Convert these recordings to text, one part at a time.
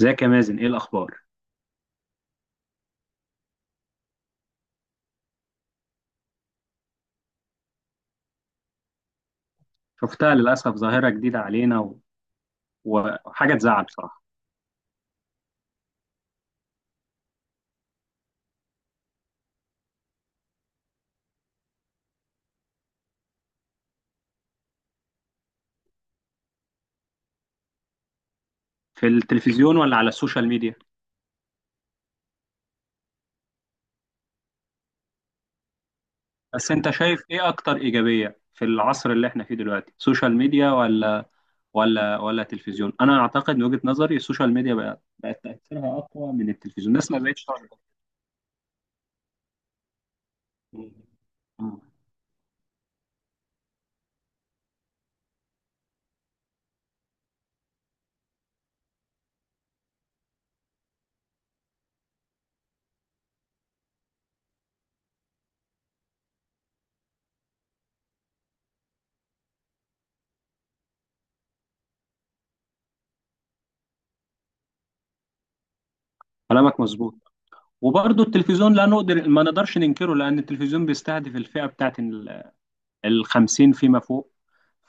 ازيك يا مازن، ايه الاخبار؟ شفتها للاسف، ظاهره جديده علينا و... وحاجه تزعل بصراحه. في التلفزيون ولا على السوشيال ميديا؟ بس انت شايف ايه اكتر ايجابيه في العصر اللي احنا فيه دلوقتي، سوشيال ميديا ولا تلفزيون؟ انا اعتقد من وجهه نظري السوشيال ميديا بقت تاثيرها اقوى من التلفزيون، الناس ما بقتش تعرف. مم. كلامك مظبوط، وبرضه التلفزيون لا نقدر ما نقدرش ننكره، لان التلفزيون بيستهدف الفئه بتاعت الخمسين فيما فوق،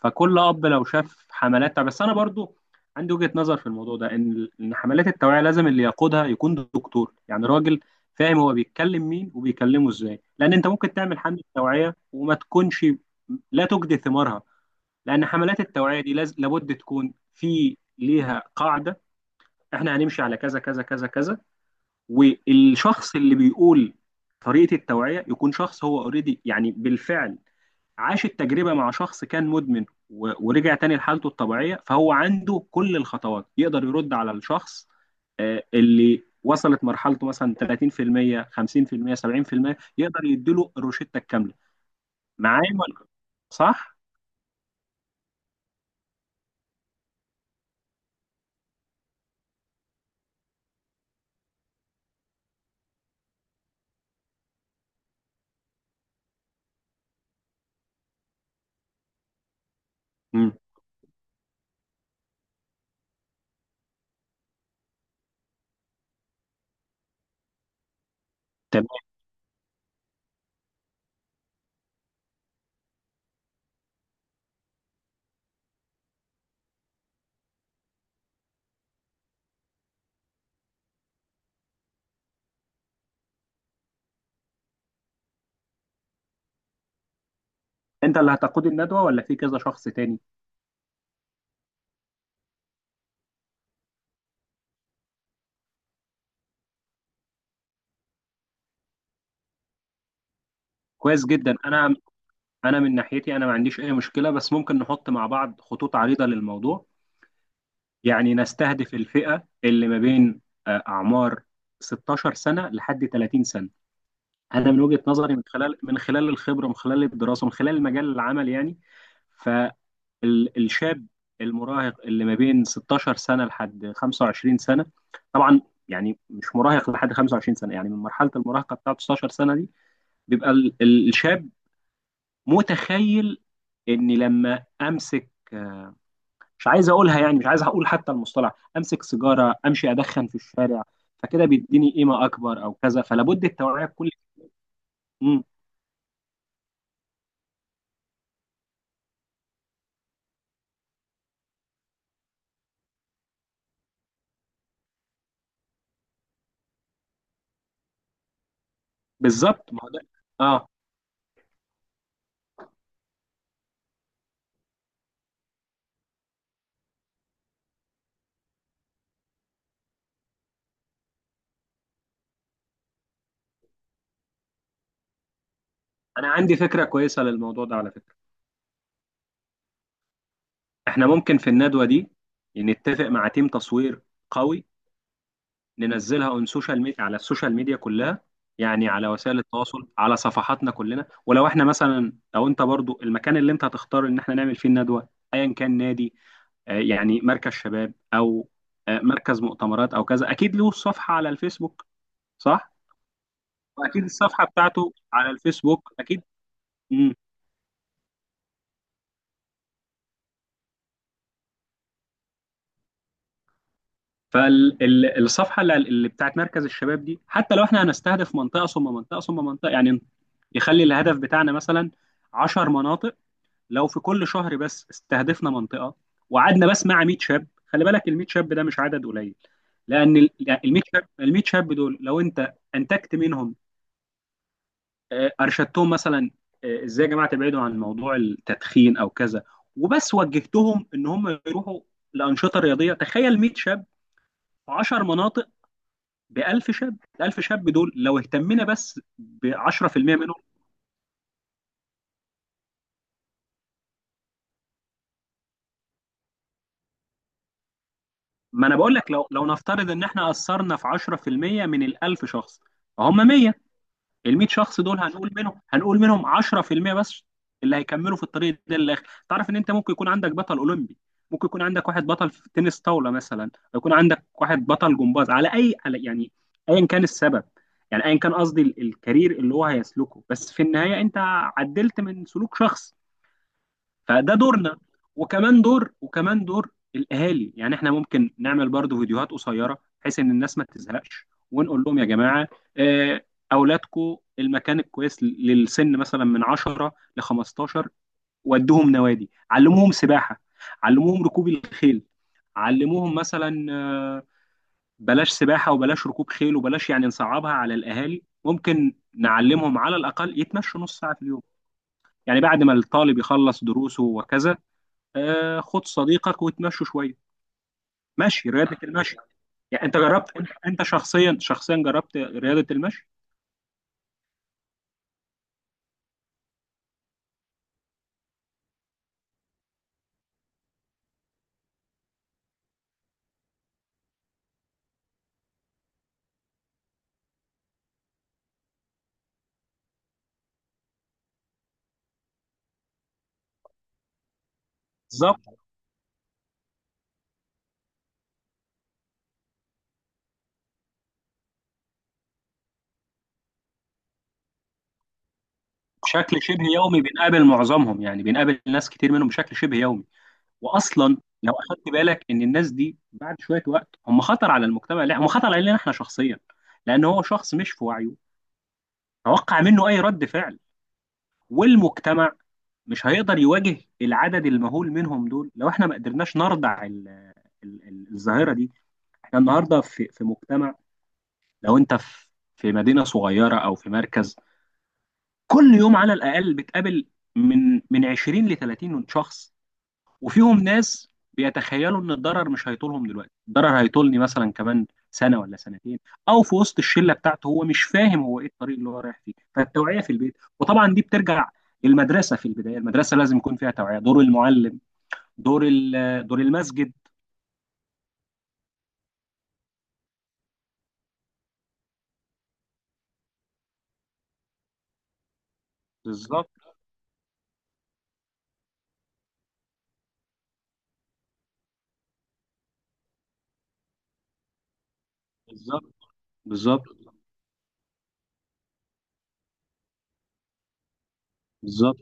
فكل اب لو شاف حملات. بس انا برضو عندي وجهة نظر في الموضوع ده، ان حملات التوعية لازم اللي يقودها يكون دكتور، يعني راجل فاهم هو بيتكلم مين وبيكلمه ازاي، لان انت ممكن تعمل حملة توعية وما تكونش لا تجدي ثمارها، لان حملات التوعية دي لابد تكون في ليها قاعدة. احنا هنمشي على كذا كذا كذا كذا، والشخص اللي بيقول طريقة التوعية يكون شخص هو اوريدي، يعني بالفعل عاش التجربة مع شخص كان مدمن ورجع تاني لحالته الطبيعية، فهو عنده كل الخطوات يقدر يرد على الشخص اللي وصلت مرحلته مثلا 30% 50% 70%، يقدر يديله الروشتة الكاملة. معايا ولا صح؟ مم. تمام. انت اللي هتقود الندوة ولا في كذا شخص تاني؟ كويس جدا. انا من ناحيتي انا ما عنديش اي مشكلة، بس ممكن نحط مع بعض خطوط عريضة للموضوع. يعني نستهدف الفئة اللي ما بين أعمار 16 سنة لحد 30 سنة. أنا من وجهة نظري، من خلال الخبرة، من خلال الدراسة، من خلال مجال العمل، يعني فالشاب المراهق اللي ما بين 16 سنة لحد 25 سنة، طبعا يعني مش مراهق لحد 25 سنة، يعني من مرحلة المراهقة بتاعت 16 سنة دي، بيبقى الشاب متخيل إني لما أمسك مش عايز اقولها يعني، مش عايز اقول حتى المصطلح، امسك سيجاره، امشي ادخن في الشارع، فكده بيديني قيمه اكبر او كذا، فلابد التوعيه بكل. امم بالظبط، ما هو ده. اه، انا عندي فكره كويسه للموضوع ده على فكره. احنا ممكن في الندوه دي نتفق مع تيم تصوير قوي، ننزلها اون سوشيال ميديا على السوشيال ميديا كلها، يعني على وسائل التواصل، على صفحاتنا كلنا. ولو احنا مثلا، لو انت برضو المكان اللي انت هتختار ان احنا نعمل فيه الندوه، ايا كان نادي يعني مركز شباب، او مركز مؤتمرات او كذا، اكيد له صفحه على الفيسبوك. صح، واكيد الصفحه بتاعته على الفيسبوك اكيد. امم فالصفحه اللي بتاعت مركز الشباب دي، حتى لو احنا هنستهدف منطقه ثم منطقه ثم منطقه، يعني يخلي الهدف بتاعنا مثلا 10 مناطق. لو في كل شهر بس استهدفنا منطقه، وقعدنا بس مع 100 شاب، خلي بالك ال 100 شاب ده مش عدد قليل. لان ال 100 شاب دول لو انت انتجت منهم، ارشدتهم مثلا ازاي يا جماعه تبعدوا عن موضوع التدخين او كذا، وبس وجهتهم ان هم يروحوا لانشطه رياضيه، تخيل 100 شاب في 10 مناطق ب 1000 شاب. ال 1000 شاب دول لو اهتمينا بس ب 10% منهم. ما انا بقول لك، لو نفترض ان احنا اثرنا في 10% من ال 1000 شخص، فهم 100. ال 100 شخص دول هنقول منهم 10% بس اللي هيكملوا في الطريق ده للاخر. تعرف ان انت ممكن يكون عندك بطل اولمبي، ممكن يكون عندك واحد بطل في تنس طاوله، مثلا يكون عندك واحد بطل جمباز، على اي، على يعني، ايا كان السبب، يعني ايا كان قصدي الكارير اللي هو هيسلكه، بس في النهايه انت عدلت من سلوك شخص، فده دورنا. وكمان دور الاهالي. يعني احنا ممكن نعمل برضو فيديوهات قصيره بحيث ان الناس ما تزهقش، ونقول لهم يا جماعه، آه، اولادكم المكان الكويس للسن مثلا من 10 ل 15، ودوهم نوادي، علموهم سباحه، علموهم ركوب الخيل، علموهم مثلا بلاش سباحه وبلاش ركوب خيل، وبلاش يعني نصعبها على الاهالي، ممكن نعلمهم على الاقل يتمشوا نص ساعه في اليوم، يعني بعد ما الطالب يخلص دروسه وكذا، آه خد صديقك وتمشوا شويه. مشي، رياضه المشي. يعني انت جربت انت شخصيا شخصيا جربت رياضه المشي. بالظبط، بشكل شبه يومي بنقابل معظمهم، يعني بنقابل ناس كتير منهم بشكل شبه يومي. واصلا لو اخدت بالك ان الناس دي بعد شويه وقت هم خطر على المجتمع، لا هم خطر علينا احنا شخصيا، لان هو شخص مش في وعيه، توقع منه اي رد فعل، والمجتمع مش هيقدر يواجه العدد المهول منهم دول. لو احنا ما قدرناش نردع الظاهره دي، احنا النهارده في مجتمع، لو انت في مدينه صغيره او في مركز، كل يوم على الاقل بتقابل من 20 ل 30 شخص، وفيهم ناس بيتخيلوا ان الضرر مش هيطولهم دلوقتي، الضرر هيطولني مثلا كمان سنه ولا سنتين، او في وسط الشله بتاعته، هو مش فاهم هو ايه الطريق اللي هو رايح فيه. فالتوعيه في البيت، وطبعا دي بترجع المدرسه، في البدايه المدرسه لازم يكون فيها توعيه، دور المعلم، دور المسجد. بالظبط، بالظبط، بالظبط، بالظبط.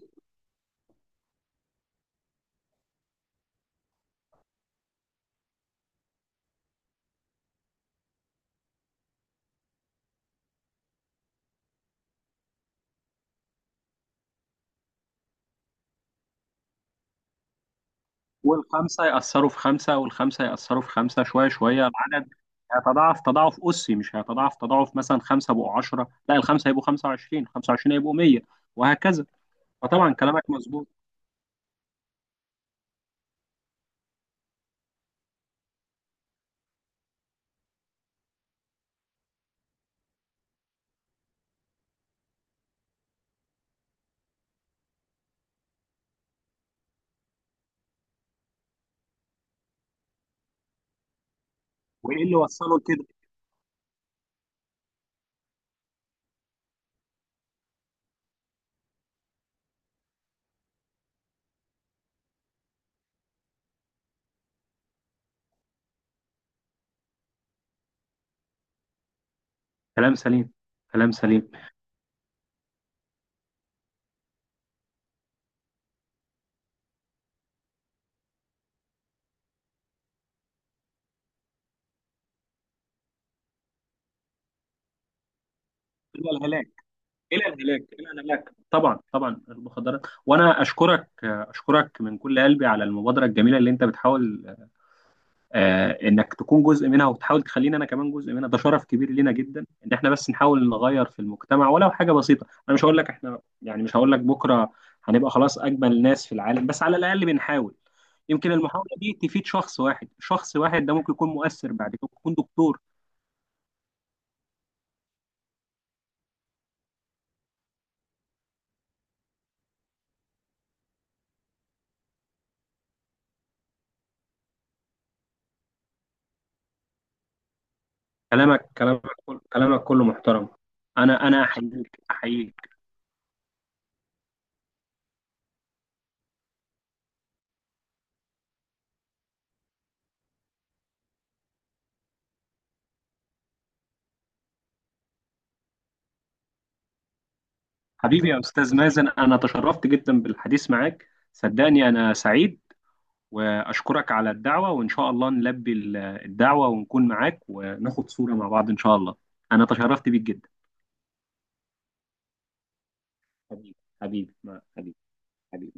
والخمسة يأثروا في خمسة، والخمسة يأثروا في خمسة، شوية شوية العدد هيتضاعف تضاعف أسي، مش هيتضاعف تضاعف مثلا خمسة بقوا 10، لا الخمسة هيبقوا 25، 25 هيبقوا 100، وهكذا. فطبعا كلامك مظبوط. وإيه اللي وصله لكده؟ كلام سليم، كلام سليم. إلى الهلاك، إلى الهلاك، إلى الهلاك، طبعا طبعا المخدرات. وأنا أشكرك أشكرك من كل قلبي على المبادرة الجميلة اللي أنت بتحاول انك تكون جزء منها، وتحاول تخليني انا كمان جزء منها، ده شرف كبير لينا جدا ان احنا بس نحاول نغير في المجتمع ولو حاجه بسيطه. انا مش هقول لك احنا يعني، مش هقول لك بكره هنبقى خلاص اجمل ناس في العالم، بس على الاقل بنحاول. يمكن المحاوله دي تفيد شخص واحد، شخص واحد ده ممكن يكون مؤثر بعد كده، يكون دكتور. كلامك كله محترم. انا احييك احييك. حبيبي يا استاذ مازن، انا تشرفت جدا بالحديث معاك، صدقني انا سعيد، وأشكرك على الدعوة وإن شاء الله نلبي الدعوة، ونكون معاك وناخد صورة مع بعض إن شاء الله. أنا تشرفت بيك جدا. حبيبي، حبيبي، حبيبي، حبيبي.